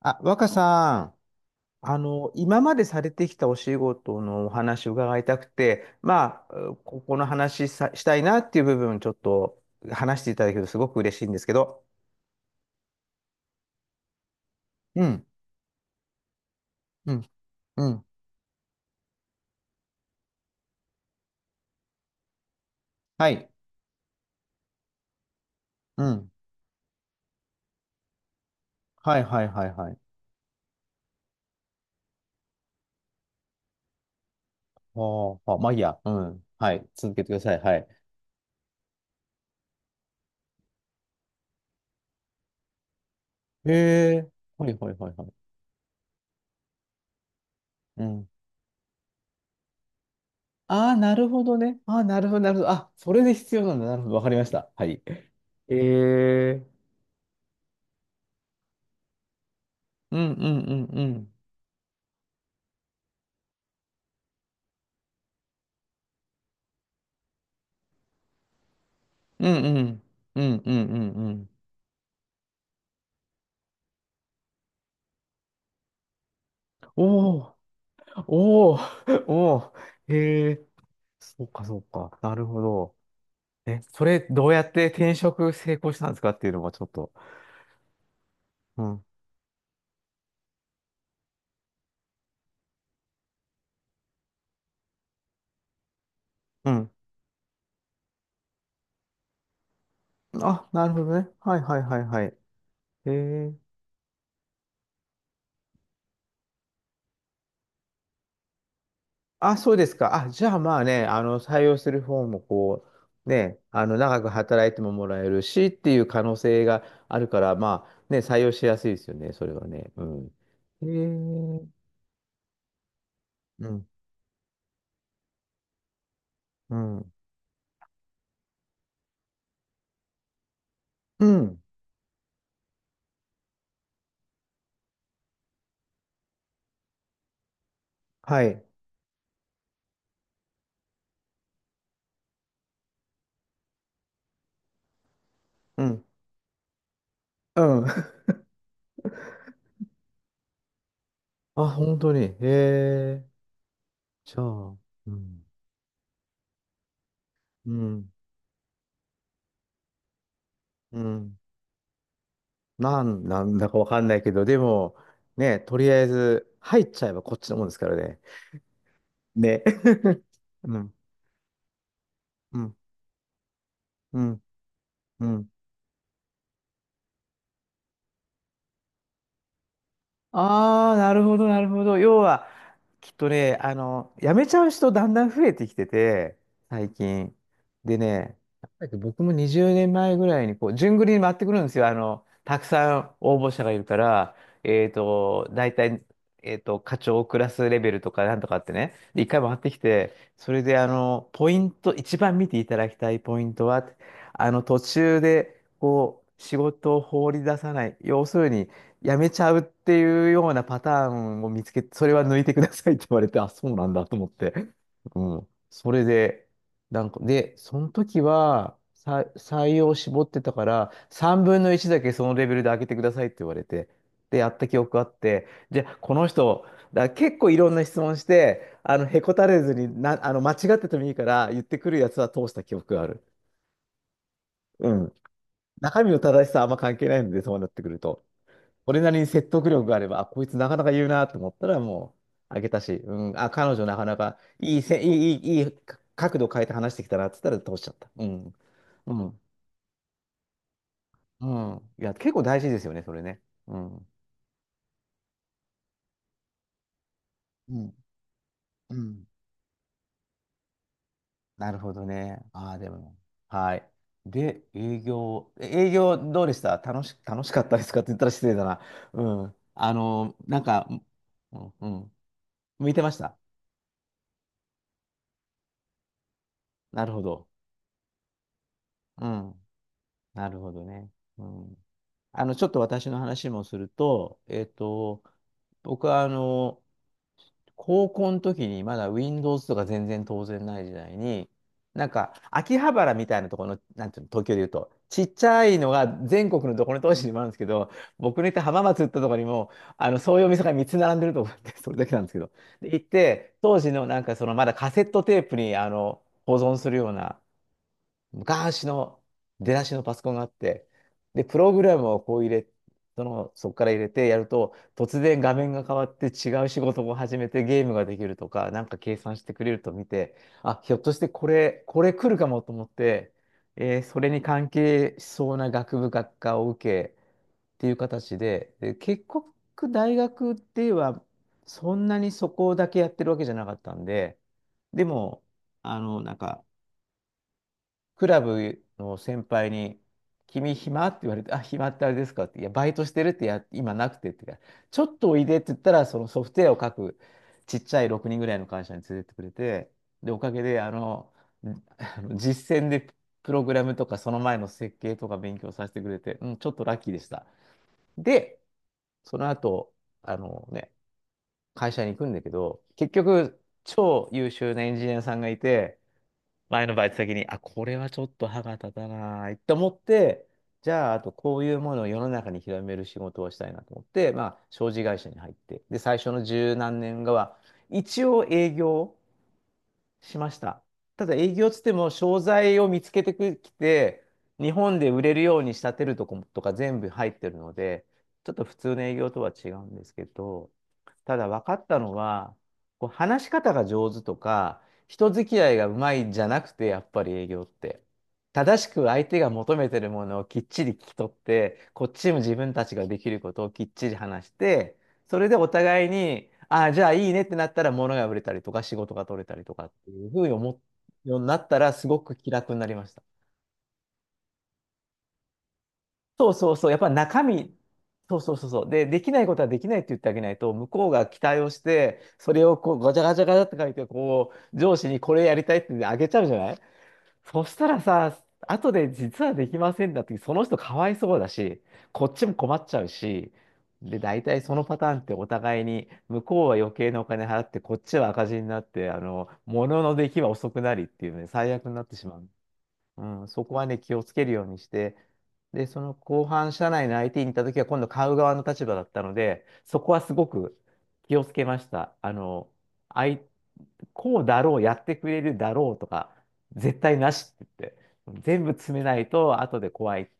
あ、若さん、今までされてきたお仕事のお話を伺いたくて、まあ、うここの話さ、したいなっていう部分、ちょっと話していただけるとすごく嬉しいんですけど。うん、うん、うん。はい。うん。はい、はい、はい、はい。はあ、あまあいいや。うん。はい。続けてください。はい。へえ。はい、はい、はい、はい。うん。ああ、なるほどね。ああ、なるほど、なるほど。あ、それで必要なんだ。なるほど。わかりました。はい。ええ。うん、うん、うん、うん。うんうん。うんうんうんうん。おお、おお、おお。へえ、そうかそうか。なるほど。え、それどうやって転職成功したんですかっていうのもちょっと。うん。うん。あ、なるほどね。はい。へえ。あ、そうですか。あ、じゃあまあね、採用する方もね、長く働いてももらえるしっていう可能性があるから、まあね、採用しやすいですよね、それはね。うん。へえ。うん。うん。うん。はい。うん。うん。あ、本当に。へえ。じゃあ、うん。うん。うん。なんだかわかんないけど、でも、ね、とりあえず、入っちゃえばこっちのもんですからね。ね。うん。うん。うん。うん。ああ、なるほど、なるほど。要は、きっとね、辞めちゃう人だんだん増えてきてて、最近。でね、僕も20年前ぐらいに、こう、順繰りに回ってくるんですよ。あの、たくさん応募者がいるから、大体、えっと、課長クラスレベルとかなんとかってね。で、一回回ってきて、それで、あの、ポイント、一番見ていただきたいポイントは、あの、途中で、こう、仕事を放り出さない。要するに、やめちゃうっていうようなパターンを見つけて、それは抜いてくださいって言われて、あ、そうなんだと思って。うん。それで、その時は、採用を絞ってたから、3分の1だけそのレベルで開けてくださいって言われて、で、やった記憶あって、じゃあ、この人、結構いろんな質問して、あの、へこたれずにな、あの、間違っててもいいから、言ってくるやつは通した記憶がある。うん。中身の正しさはあんま関係ないので、そうなってくると。俺なりに説得力があれば、あ、こいつなかなか言うなと思ったらもう、あげたし、うん、あ、彼女なかなかいいせ、いい、いい、いいか角度変えて話してきたなって言ったら通しちゃった。うん、うん、ういや、結構大事ですよね、それね。うん、うん、うん。なるほどね。ああ、でも、はい。で、営業どうでした楽しかったですかって言ったら失礼だな。うん。うん、うん。向いてました。なるほど。うん。なるほどね。うん。あの、ちょっと私の話もすると、えっと、僕はあの、高校の時にまだ Windows とか全然当然ない時代に、なんか秋葉原みたいなところの、なんていうの、東京で言うと、ちっちゃいのが全国のどこの都市にもあるんですけど、僕の行った浜松行ったところにも、あの、そういうお店が3つ並んでると思って、それだけなんですけど。で、行って、当時のなんかそのまだカセットテープに、あの、保存するような、昔の出だしのパソコンがあって、で、プログラムをこう入れ、その、そこから入れてやると、突然画面が変わって違う仕事を始めてゲームができるとか、なんか計算してくれると見て、あ、ひょっとしてこれ、これ来るかもと思って、それに関係しそうな学部学科を受けっていう形で、で、結局大学ではそんなにそこだけやってるわけじゃなかったんで、でも、あの、なんか、クラブの先輩に、君暇って言われて、あ、暇ってあれですかって、いや、バイトしてるってや、今なくてって言うから、ちょっとおいでって言ったら、そのソフトウェアを書くちっちゃい6人ぐらいの会社に連れてってくれて、で、おかげで、あの 実践でプログラムとか、その前の設計とか勉強させてくれて、うん、ちょっとラッキーでした。で、その後、あのね、会社に行くんだけど、結局、超優秀なエンジニアさんがいて、前のバイト先に、あ、これはちょっと歯が立たないと思って、じゃあ、あとこういうものを世の中に広める仕事をしたいなと思って、まあ、商事会社に入って、で、最初の十何年後は、一応営業、しました。ただ営業つっても商材を見つけてきて、日本で売れるように仕立てるとことか全部入ってるので、ちょっと普通の営業とは違うんですけど、ただ分かったのは、こう話し方が上手とか、人付き合いがうまいんじゃなくて、やっぱり営業って。正しく相手が求めてるものをきっちり聞き取って、こっちも自分たちができることをきっちり話して、それでお互いに、ああ、じゃあいいねってなったら物が売れたりとか仕事が取れたりとかっていうふうに思うようになったらすごく気楽になりました。そう。やっぱ中身、そう。で、できないことはできないって言ってあげないと、向こうが期待をして、それをこうガチャガチャガチャって書いて、こう、上司にこれやりたいってあげちゃうじゃない。そしたらさ、後で実はできませんだって、その人かわいそうだし、こっちも困っちゃうし、で、大体そのパターンってお互いに、向こうは余計なお金払って、こっちは赤字になって、あの、物の出来は遅くなりっていうね、最悪になってしまう。うん、そこはね、気をつけるようにして、で、その後半、社内の IT に行った時は、今度買う側の立場だったので、そこはすごく気をつけました。あの、あい、こうだろう、やってくれるだろうとか、絶対なしって言って、全部詰めないと後で怖いって、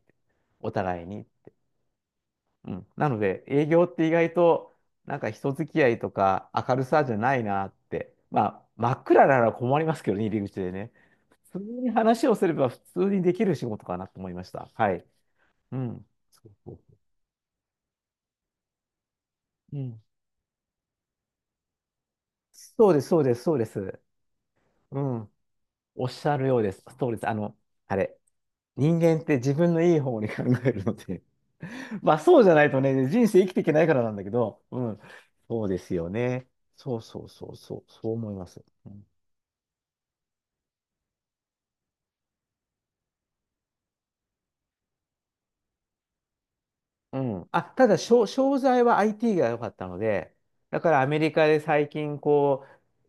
お互いに。うん。なので、営業って意外と、なんか人付き合いとか明るさじゃないなって。まあ、真っ暗なら困りますけどね、入り口でね。普通に話をすれば普通にできる仕事かなと思いました。はい。うん。そうそうそうん。そうです、そうです、そうです。うん。おっしゃるようです。そうです。あの、あれ。人間って自分のいい方に考えるので まあそうじゃないとね、人生生きていけないからなんだけど、うん。そうですよね。そうそうそうそう、そう思います。うんうん。あ、ただ、商材は IT が良かったので、だからアメリカで最近、こ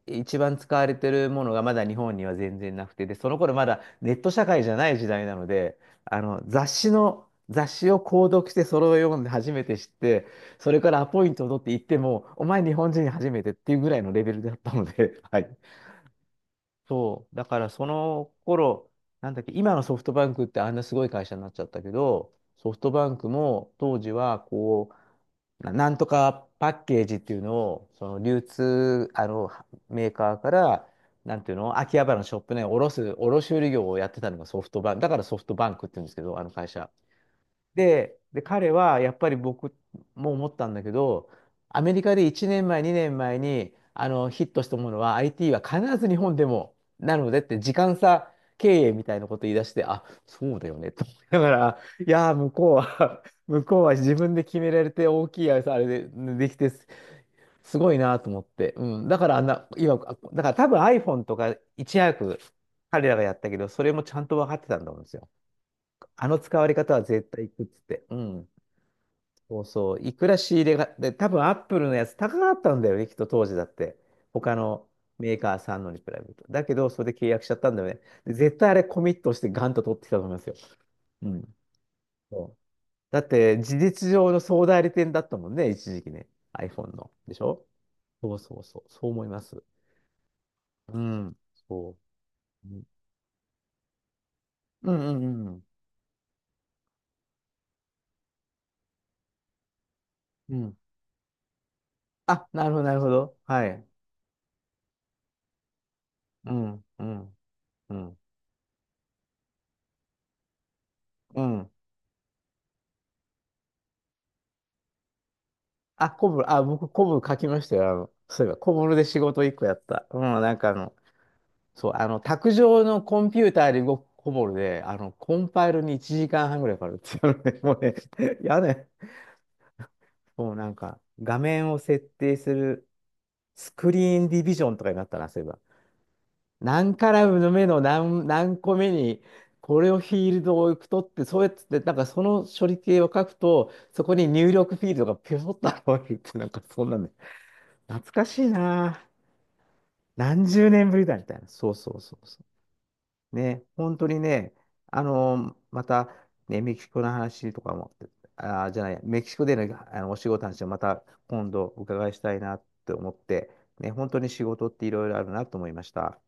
う、一番使われてるものがまだ日本には全然なくて、で、その頃まだネット社会じゃない時代なので、雑誌を購読してそれを読んで初めて知って、それからアポイントを取って行っても、お前日本人初めてっていうぐらいのレベルだったので、はい。そう。だからその頃、なんだっけ、今のソフトバンクってあんなすごい会社になっちゃったけど、ソフトバンクも当時はこう、なんとかパッケージっていうのを、その流通、あの、メーカーから、なんていうの、秋葉原のショップね、卸売業をやってたのがソフトバンク、だからソフトバンクって言うんですけど、あの会社。で、彼はやっぱり僕も思ったんだけど、アメリカで1年前、2年前にあのヒットしたものは IT は必ず日本でもなのでって時間差経営みたいなこと言い出して、あ、そうだよねと思いながら、いやー、向こうは 向こうは自分で決められて大きいあれで、できてす、すごいなと思って。うん。だからあんな、今、だから多分 iPhone とかいち早く彼らがやったけど、それもちゃんと分かってたんだと思うんですよ。あの使われ方は絶対いくっつって。うん。そうそう。いくら仕入れが、で、多分アップルのやつ高かったんだよね、きっと当時だって。他のメーカーさんのに比べると。だけど、それで契約しちゃったんだよね。で、絶対あれコミットしてガンと取ってきたと思いますよ。うん。そう。だって、事実上の総代理店だったもんね、一時期ね。iPhone の。でしょそうそうそう。そう思います。うん。そう。うんうんうんうん。うん。あ、なるほど、なるほど。はい。うん、うん、うん、うん。あ、コブ、あ、僕、コブ書きましたよ。そういえば、コブルで仕事一個やった。うん、卓上のコンピューターで動くコブルで、あの、コンパイルに1時間半ぐらいかかるっていうのね、もうね、やね、もうなんか、画面を設定するスクリーンディビジョンとかになったな、そういえば。何カラムの目の何、何個目に、これをフィールドを取って、そうやって、なんかその処理系を書くと、そこに入力フィールドがピョソッと現れるって、なんかそんなんね、懐かしいな。何十年ぶりだみたいな。そうそうそうそう。ね、本当にね、あのまた、ね、メキシコの話とかも、あー、じゃない、メキシコでのあのお仕事の話をまた今度お伺いしたいなって思って、ね、本当に仕事っていろいろあるなと思いました。